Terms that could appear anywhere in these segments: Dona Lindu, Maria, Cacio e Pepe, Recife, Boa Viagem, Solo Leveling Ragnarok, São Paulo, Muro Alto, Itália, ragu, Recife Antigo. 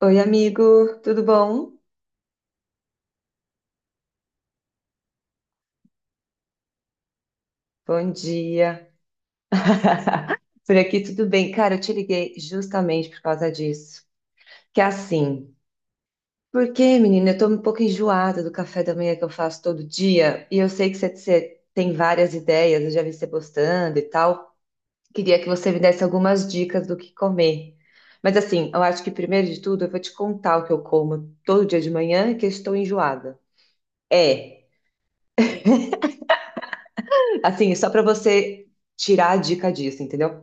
Oi, amigo, tudo bom? Bom dia. Por aqui tudo bem. Cara, eu te liguei justamente por causa disso. Que é assim, porque, menina, eu tô um pouco enjoada do café da manhã que eu faço todo dia e eu sei que você tem várias ideias, eu já vi você postando e tal. Queria que você me desse algumas dicas do que comer. Mas assim, eu acho que primeiro de tudo eu vou te contar o que eu como todo dia de manhã, que eu estou enjoada. É, assim, só para você tirar a dica disso, entendeu?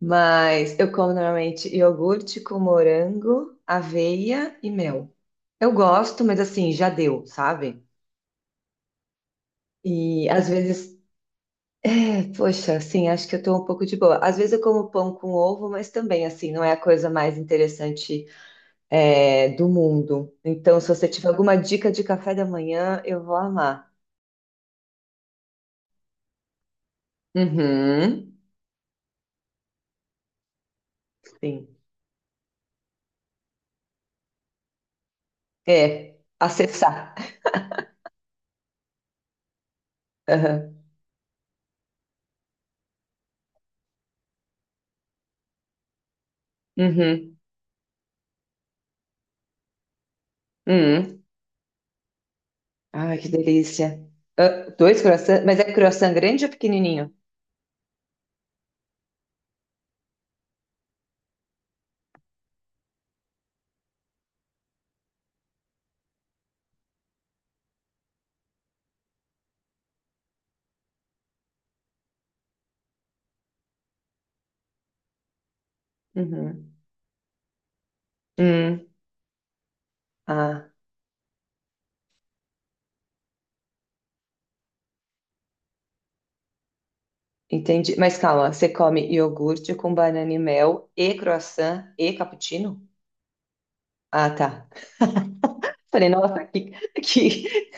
Mas eu como normalmente iogurte com morango, aveia e mel. Eu gosto, mas assim, já deu, sabe? E às vezes, é, poxa, assim, acho que eu tô um pouco de boa. Às vezes eu como pão com ovo, mas também, assim, não é a coisa mais interessante, é, do mundo. Então, se você tiver alguma dica de café da manhã, eu vou amar. Uhum, sim. É, acessar. Aham. Uhum. Uhum. Ai, que delícia. Ah, dois croissants, mas é croissant grande ou pequenininho? Uhum. Hum, ah, entendi. Mas calma, você come iogurte com banana e mel e croissant e cappuccino? Ah, tá. Falei, nossa, que,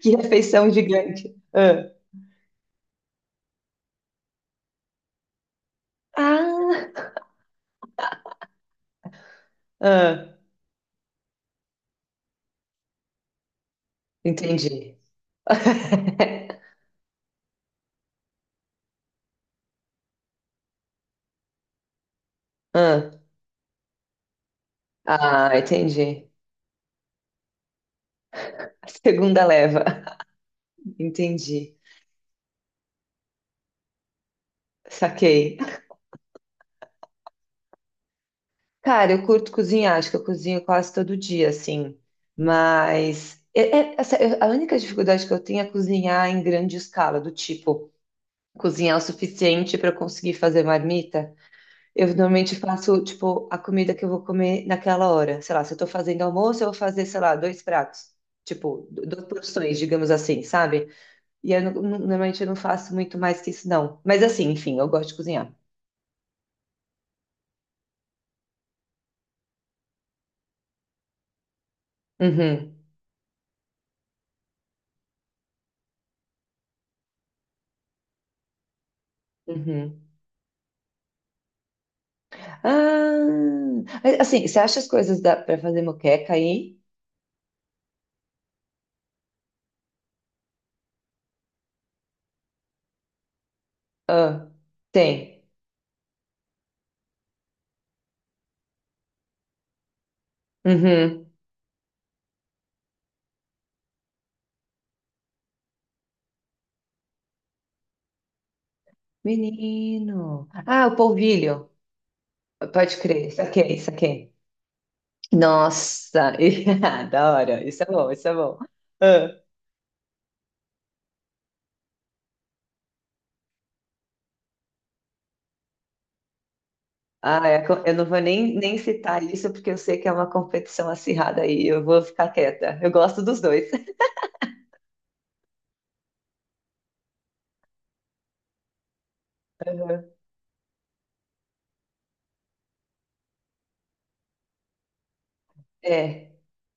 que refeição gigante. Ah, ah, entendi. Ah, ah, entendi. A segunda leva. Entendi. Saquei. Cara, eu curto cozinhar, acho que eu cozinho quase todo dia, assim. Mas a única dificuldade que eu tenho é cozinhar em grande escala, do tipo, cozinhar o suficiente para eu conseguir fazer marmita. Eu normalmente faço, tipo, a comida que eu vou comer naquela hora. Sei lá, se eu tô fazendo almoço, eu vou fazer, sei lá, dois pratos. Tipo, duas porções, digamos assim, sabe? E eu, normalmente eu não faço muito mais que isso, não. Mas assim, enfim, eu gosto de cozinhar. Uhum, uhum. Ah, mas, assim, você acha as coisas da, pra fazer moqueca aí? Ah, tem. Uhum. Menino. Ah, o polvilho. Pode crer. Saquei, saquei. Nossa, ah, da hora. Isso é bom, isso é bom. Ah, ah, eu não vou nem, nem citar isso porque eu sei que é uma competição acirrada aí. Eu vou ficar quieta. Eu gosto dos dois. É.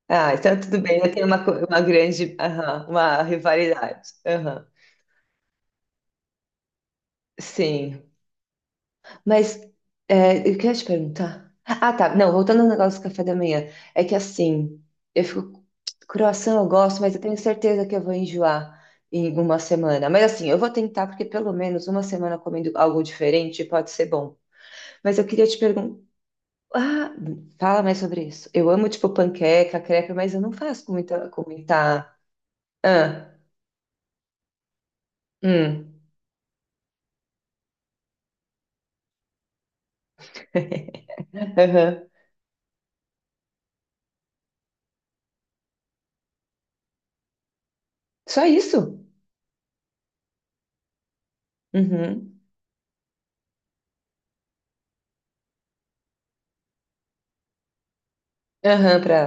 Ah, então tudo bem. Eu tenho uma, uma grande, aham, uma rivalidade. Aham. Sim. Mas é, eu queria te perguntar. Ah, tá. Não, voltando ao negócio do café da manhã. É que assim, eu fico. Croissant eu gosto, mas eu tenho certeza que eu vou enjoar em uma semana. Mas assim, eu vou tentar, porque pelo menos uma semana comendo algo diferente pode ser bom. Mas eu queria te perguntar. Ah, fala mais sobre isso. Eu amo, tipo, panqueca, crepe, mas eu não faço com muita. Com muita... Ah, hum, aham. Só isso? Uhum. Aham, pra.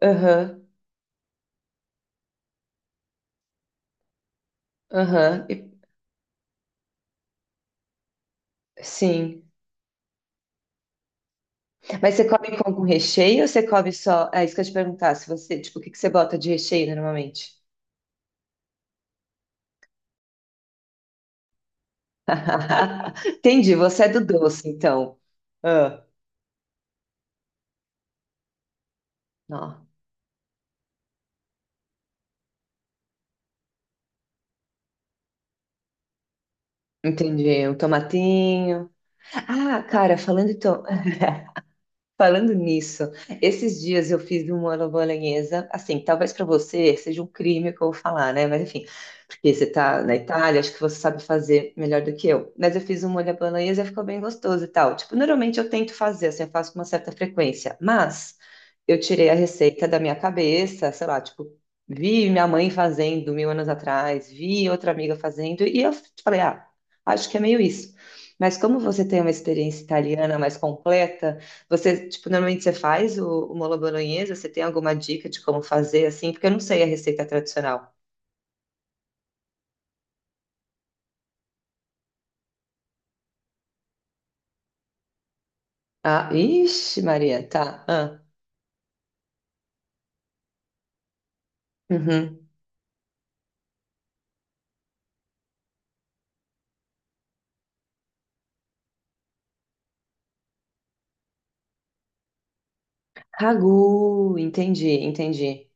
Aham, aham. Sim. Mas você come com algum recheio ou você come só? É isso que eu te perguntar, se você, tipo, o que que você bota de recheio normalmente? Entendi, você é do doce, então. Ah, ó, entendi. Um tomatinho. Ah, cara, falando então falando nisso, esses dias eu fiz uma bolonhesa, assim, talvez para você seja um crime o que eu vou falar, né? Mas enfim, porque você tá na Itália, acho que você sabe fazer melhor do que eu. Mas eu fiz um molho à bolonhesa e ficou bem gostoso e tal. Tipo, normalmente eu tento fazer, assim, eu faço com uma certa frequência, mas eu tirei a receita da minha cabeça, sei lá, tipo, vi minha mãe fazendo mil anos atrás, vi outra amiga fazendo, e eu falei, ah, acho que é meio isso. Mas como você tem uma experiência italiana mais completa, você, tipo, normalmente você faz o molho bolonhesa? Você tem alguma dica de como fazer assim? Porque eu não sei a receita tradicional. Ah, ixi, Maria, tá. Ah, uhum. Ragu, entendi, entendi.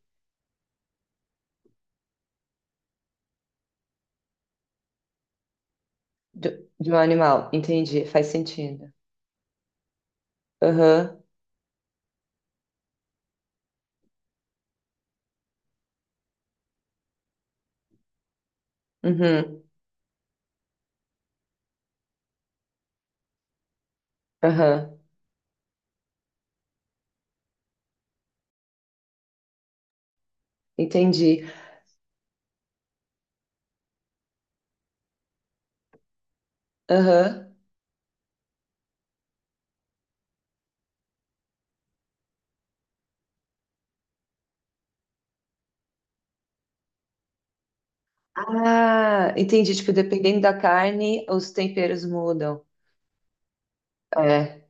De, um animal, entendi, faz sentido. Aham, uhum, aham, entendi. Aham. Ah, entendi. Tipo, dependendo da carne, os temperos mudam. É.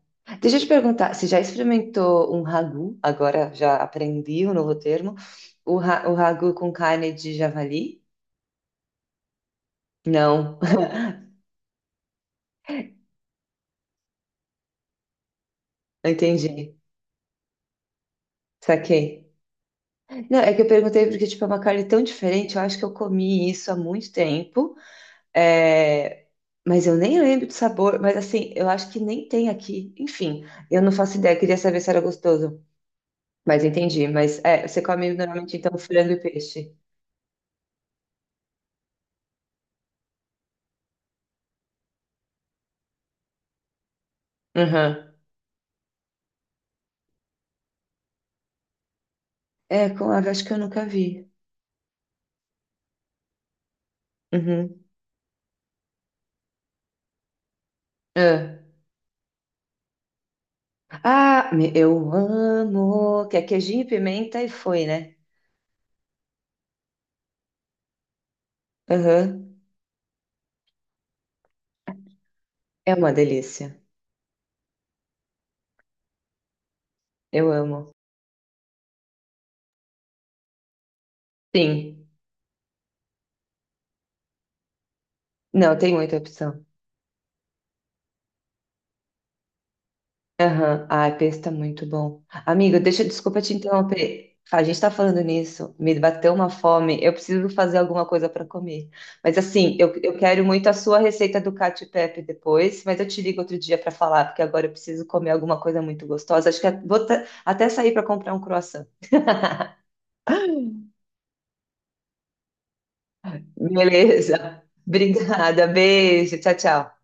Deixa eu te perguntar, você já experimentou um ragu? Agora já aprendi um novo termo. O, o ragu com carne de javali? Não, entendi. Saquei. Não, é que eu perguntei porque, tipo, é uma carne tão diferente. Eu acho que eu comi isso há muito tempo. É, mas eu nem lembro do sabor. Mas, assim, eu acho que nem tem aqui. Enfim, eu não faço ideia. Queria saber se era gostoso. Mas entendi. Mas, é, você come normalmente, então, frango e peixe. Uhum. É, com ave, acho que eu nunca vi. Uhum. Ah, ah, eu amo. Que é queijinho, pimenta e foi, né? Aham. É uma delícia. Eu amo. Sim. Não, tem muita opção. Aham. Ai, pesto é muito bom. Amigo, deixa, desculpa te interromper. A gente tá falando nisso, me bateu uma fome, eu preciso fazer alguma coisa para comer. Mas assim, eu quero muito a sua receita do Cacio e Pepe depois, mas eu te ligo outro dia para falar, porque agora eu preciso comer alguma coisa muito gostosa. Acho que é, vou até sair para comprar um croissant. Beleza. Obrigada. Beijo. Tchau, tchau.